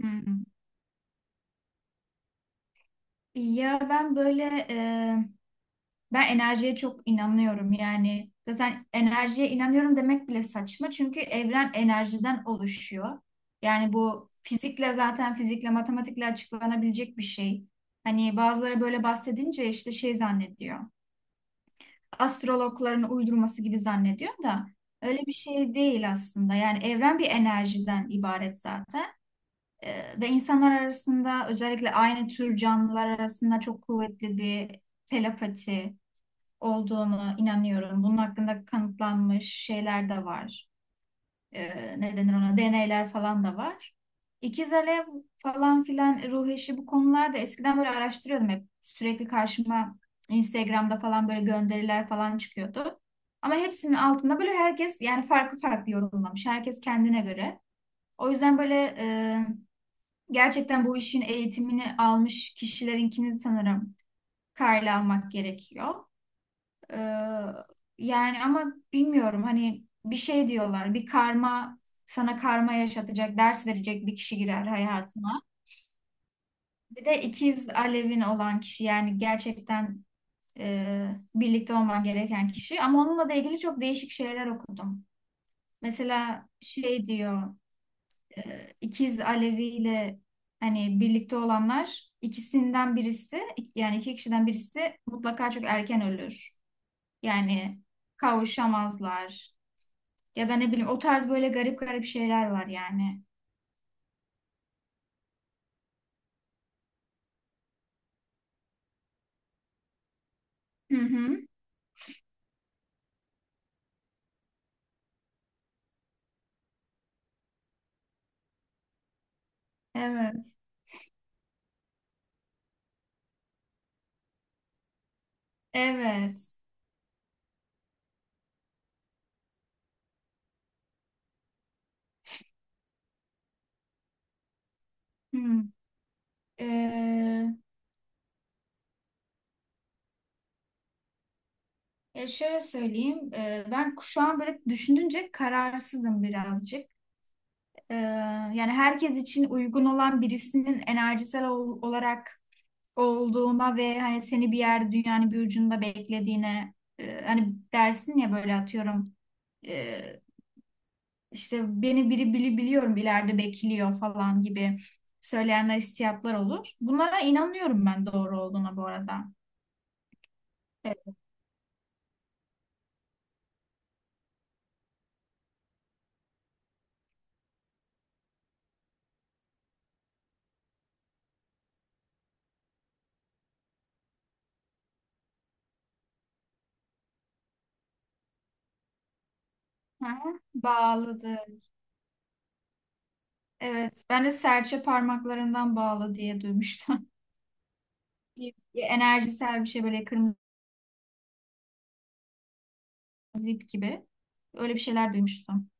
Hmm. Ya ben böyle e, ben enerjiye çok inanıyorum yani zaten enerjiye inanıyorum demek bile saçma çünkü evren enerjiden oluşuyor. Yani bu fizikle zaten fizikle matematikle açıklanabilecek bir şey. Hani bazıları böyle bahsedince işte şey zannediyor. Astrologların uydurması gibi zannediyor da öyle bir şey değil aslında. Yani evren bir enerjiden ibaret zaten. Ve insanlar arasında özellikle aynı tür canlılar arasında çok kuvvetli bir telepati olduğunu inanıyorum. Bunun hakkında kanıtlanmış şeyler de var. Ne denir ona? Deneyler falan da var. İkiz alev falan filan ruh eşi bu konularda eskiden böyle araştırıyordum hep. Sürekli karşıma Instagram'da falan böyle gönderiler falan çıkıyordu. Ama hepsinin altında böyle herkes yani farklı farklı yorumlamış. Herkes kendine göre. O yüzden böyle gerçekten bu işin eğitimini almış kişilerinkini sanırım karla almak gerekiyor. Ee, Yani ama bilmiyorum hani bir şey diyorlar bir karma sana karma yaşatacak ders verecek bir kişi girer hayatına. Bir de ikiz alevin olan kişi yani gerçekten birlikte olman gereken kişi ama onunla da ilgili çok değişik şeyler okudum. Mesela şey diyor e, ikiz Alevi ile hani birlikte olanlar ikisinden birisi yani iki kişiden birisi mutlaka çok erken ölür. Yani kavuşamazlar ya da ne bileyim o tarz böyle garip garip şeyler var yani. Hı hı. Evet. Evet. Hı. Ee, ya şöyle söyleyeyim. Ben şu an böyle düşündünce kararsızım birazcık. Ee, Yani herkes için uygun olan birisinin enerjisel olarak olduğuna ve hani seni bir yer dünyanın bir ucunda beklediğine hani dersin ya böyle atıyorum e, işte beni biri biliyorum ileride bekliyor falan gibi söyleyenler hissiyatlar olur. Bunlara inanıyorum ben doğru olduğuna bu arada. Evet. Hı hı. Bağladı. Evet. Ben de serçe parmaklarından bağlı diye duymuştum. Bir enerjisel bir şey böyle kırmızı zip gibi. Öyle bir şeyler duymuştum.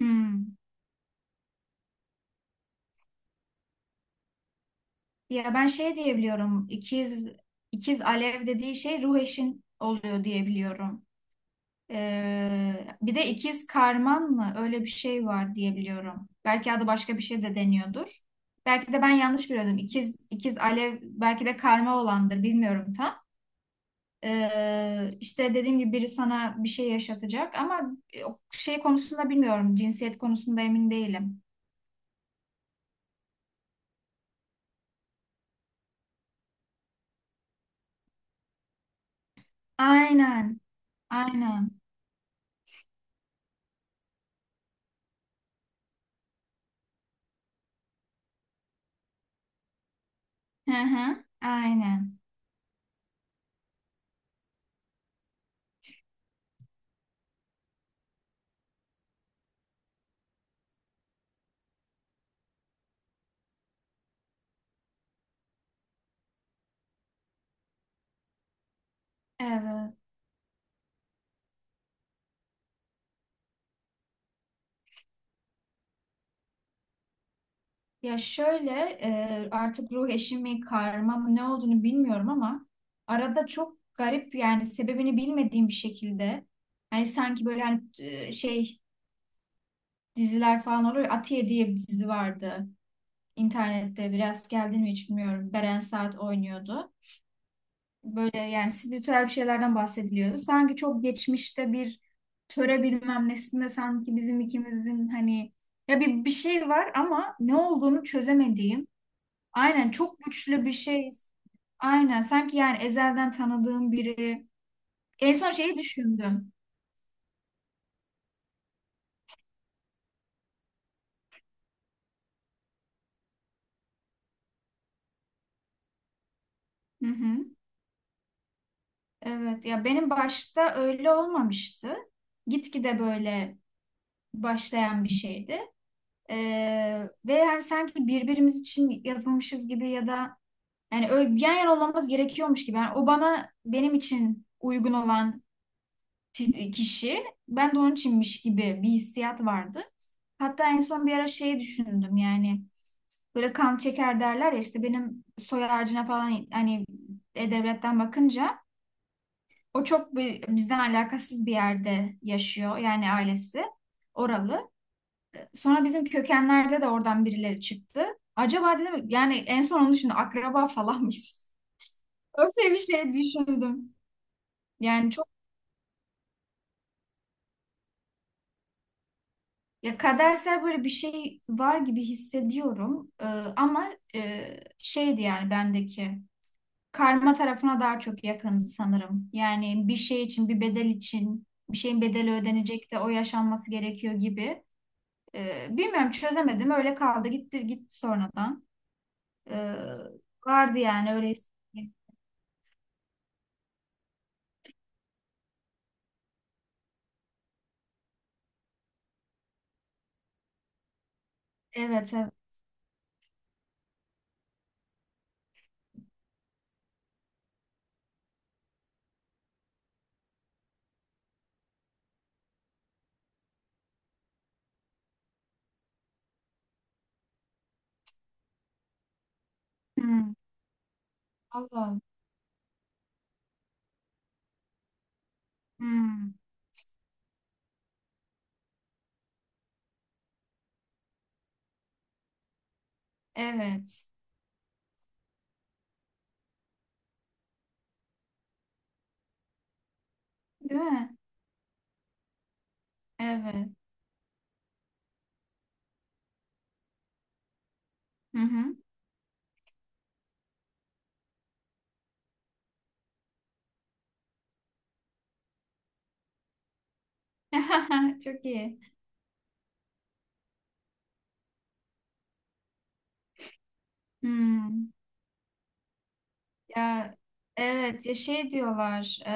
Hmm. Ya ben şey diyebiliyorum. İkiz alev dediği şey ruh eşin oluyor diyebiliyorum. Bir de ikiz karman mı? Öyle bir şey var diyebiliyorum. Belki adı başka bir şey de deniyordur. Belki de ben yanlış biliyordum. İkiz alev belki de karma olandır. Bilmiyorum tam. İşte dediğim gibi biri sana bir şey yaşatacak ama o şey konusunda bilmiyorum. Cinsiyet konusunda emin değilim. Aynen. Aynen. Hı hı. Aynen. Evet. Ya şöyle artık ruh eşi mi karma mı ne olduğunu bilmiyorum ama arada çok garip yani sebebini bilmediğim bir şekilde hani sanki böyle hani şey diziler falan oluyor. Ya, Atiye diye bir dizi vardı internette biraz geldi mi hiç bilmiyorum. Beren Saat oynuyordu. Böyle yani spiritüel bir şeylerden bahsediliyordu. Sanki çok geçmişte bir töre bilmem nesinde sanki bizim ikimizin hani ya bir şey var ama ne olduğunu çözemediğim. Aynen çok güçlü bir şey. Aynen sanki yani ezelden tanıdığım biri. En son şeyi düşündüm. Hı hı. Evet ya benim başta öyle olmamıştı. Gitgide böyle başlayan bir şeydi. Ve yani sanki birbirimiz için yazılmışız gibi ya da yani öyle yan yana olmamız gerekiyormuş gibi. Yani o bana benim için uygun olan kişi ben de onun içinmiş gibi bir hissiyat vardı. Hatta en son bir ara şey düşündüm yani böyle kan çeker derler ya işte benim soy ağacına falan hani e-devletten bakınca o çok bir, bizden alakasız bir yerde yaşıyor yani ailesi oralı. Sonra bizim kökenlerde de oradan birileri çıktı. Acaba dedim yani en son onu düşündüm akraba falan mıyız? Öyle bir şey düşündüm. Yani çok ya kadersel böyle bir şey var gibi hissediyorum. Ama şeydi yani bendeki karma tarafına daha çok yakındı sanırım. Yani bir şey için, bir bedel için, bir şeyin bedeli ödenecek de o yaşanması gerekiyor gibi. Bilmiyorum çözemedim. Öyle kaldı. Gitti gitti sonradan. Ee, Vardı yani öyle hissettiğim. Evet evet. Hmm. Allah. Allah. Hmm. Evet. Değil mi? Evet. Hı hı. Çok iyi. Hmm. Ya, evet ya şey diyorlar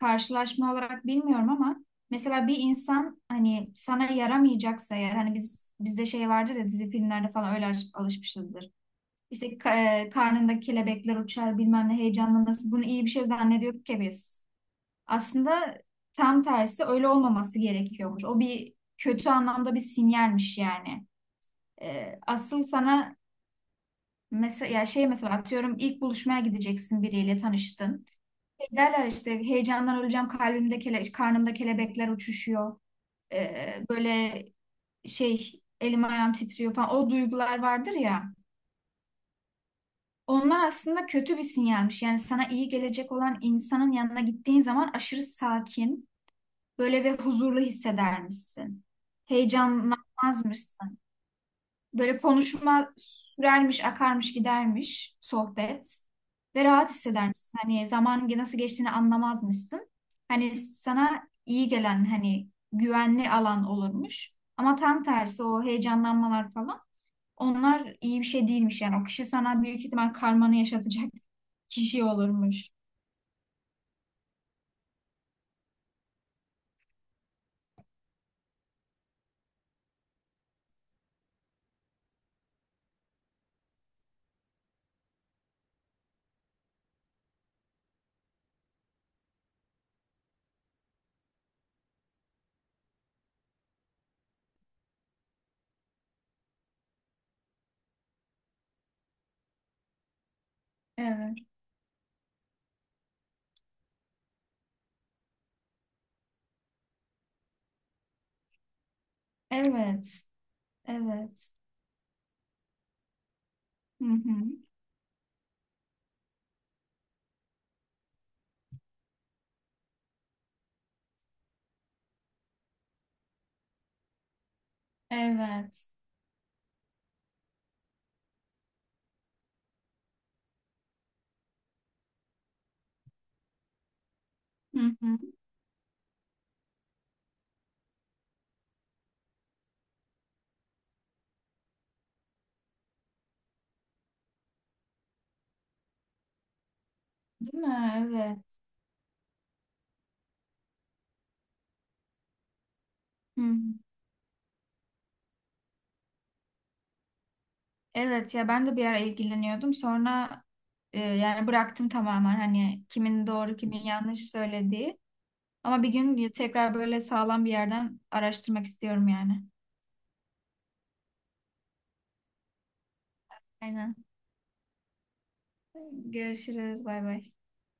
karşılaşma olarak bilmiyorum ama mesela bir insan hani sana yaramayacaksa eğer hani biz bizde şey vardır ya dizi filmlerde falan öyle alışmışızdır. İşte karnında kelebekler uçar bilmem ne heyecanlanırsın bunu iyi bir şey zannediyorduk ya biz. Aslında tam tersi öyle olmaması gerekiyormuş. O bir kötü anlamda bir sinyalmiş yani. E, asıl sana mesela ya şey mesela atıyorum ilk buluşmaya gideceksin biriyle tanıştın. Giderler işte heyecandan öleceğim kalbimde kele, karnımda kelebekler uçuşuyor. Böyle şey elim ayağım titriyor falan o duygular vardır ya. Onlar aslında kötü bir sinyalmiş. Yani sana iyi gelecek olan insanın yanına gittiğin zaman aşırı sakin, böyle ve huzurlu hissedermişsin. Heyecanlanmazmışsın. Böyle konuşma sürermiş, akarmış, gidermiş sohbet ve rahat hissedermişsin. Hani zaman nasıl geçtiğini anlamazmışsın. Hani sana iyi gelen hani güvenli alan olurmuş. Ama tam tersi o heyecanlanmalar falan onlar iyi bir şey değilmiş yani. O kişi sana büyük ihtimal karmanı yaşatacak kişi olurmuş. Evet. Evet. Evet. Hı hı. Evet. Hı hı. Değil mi? Evet. Hı hı. Evet ya ben de bir ara ilgileniyordum. Sonra yani bıraktım tamamen hani kimin doğru kimin yanlış söylediği. Ama bir gün tekrar böyle sağlam bir yerden araştırmak istiyorum yani. Aynen. Görüşürüz. Bay bay.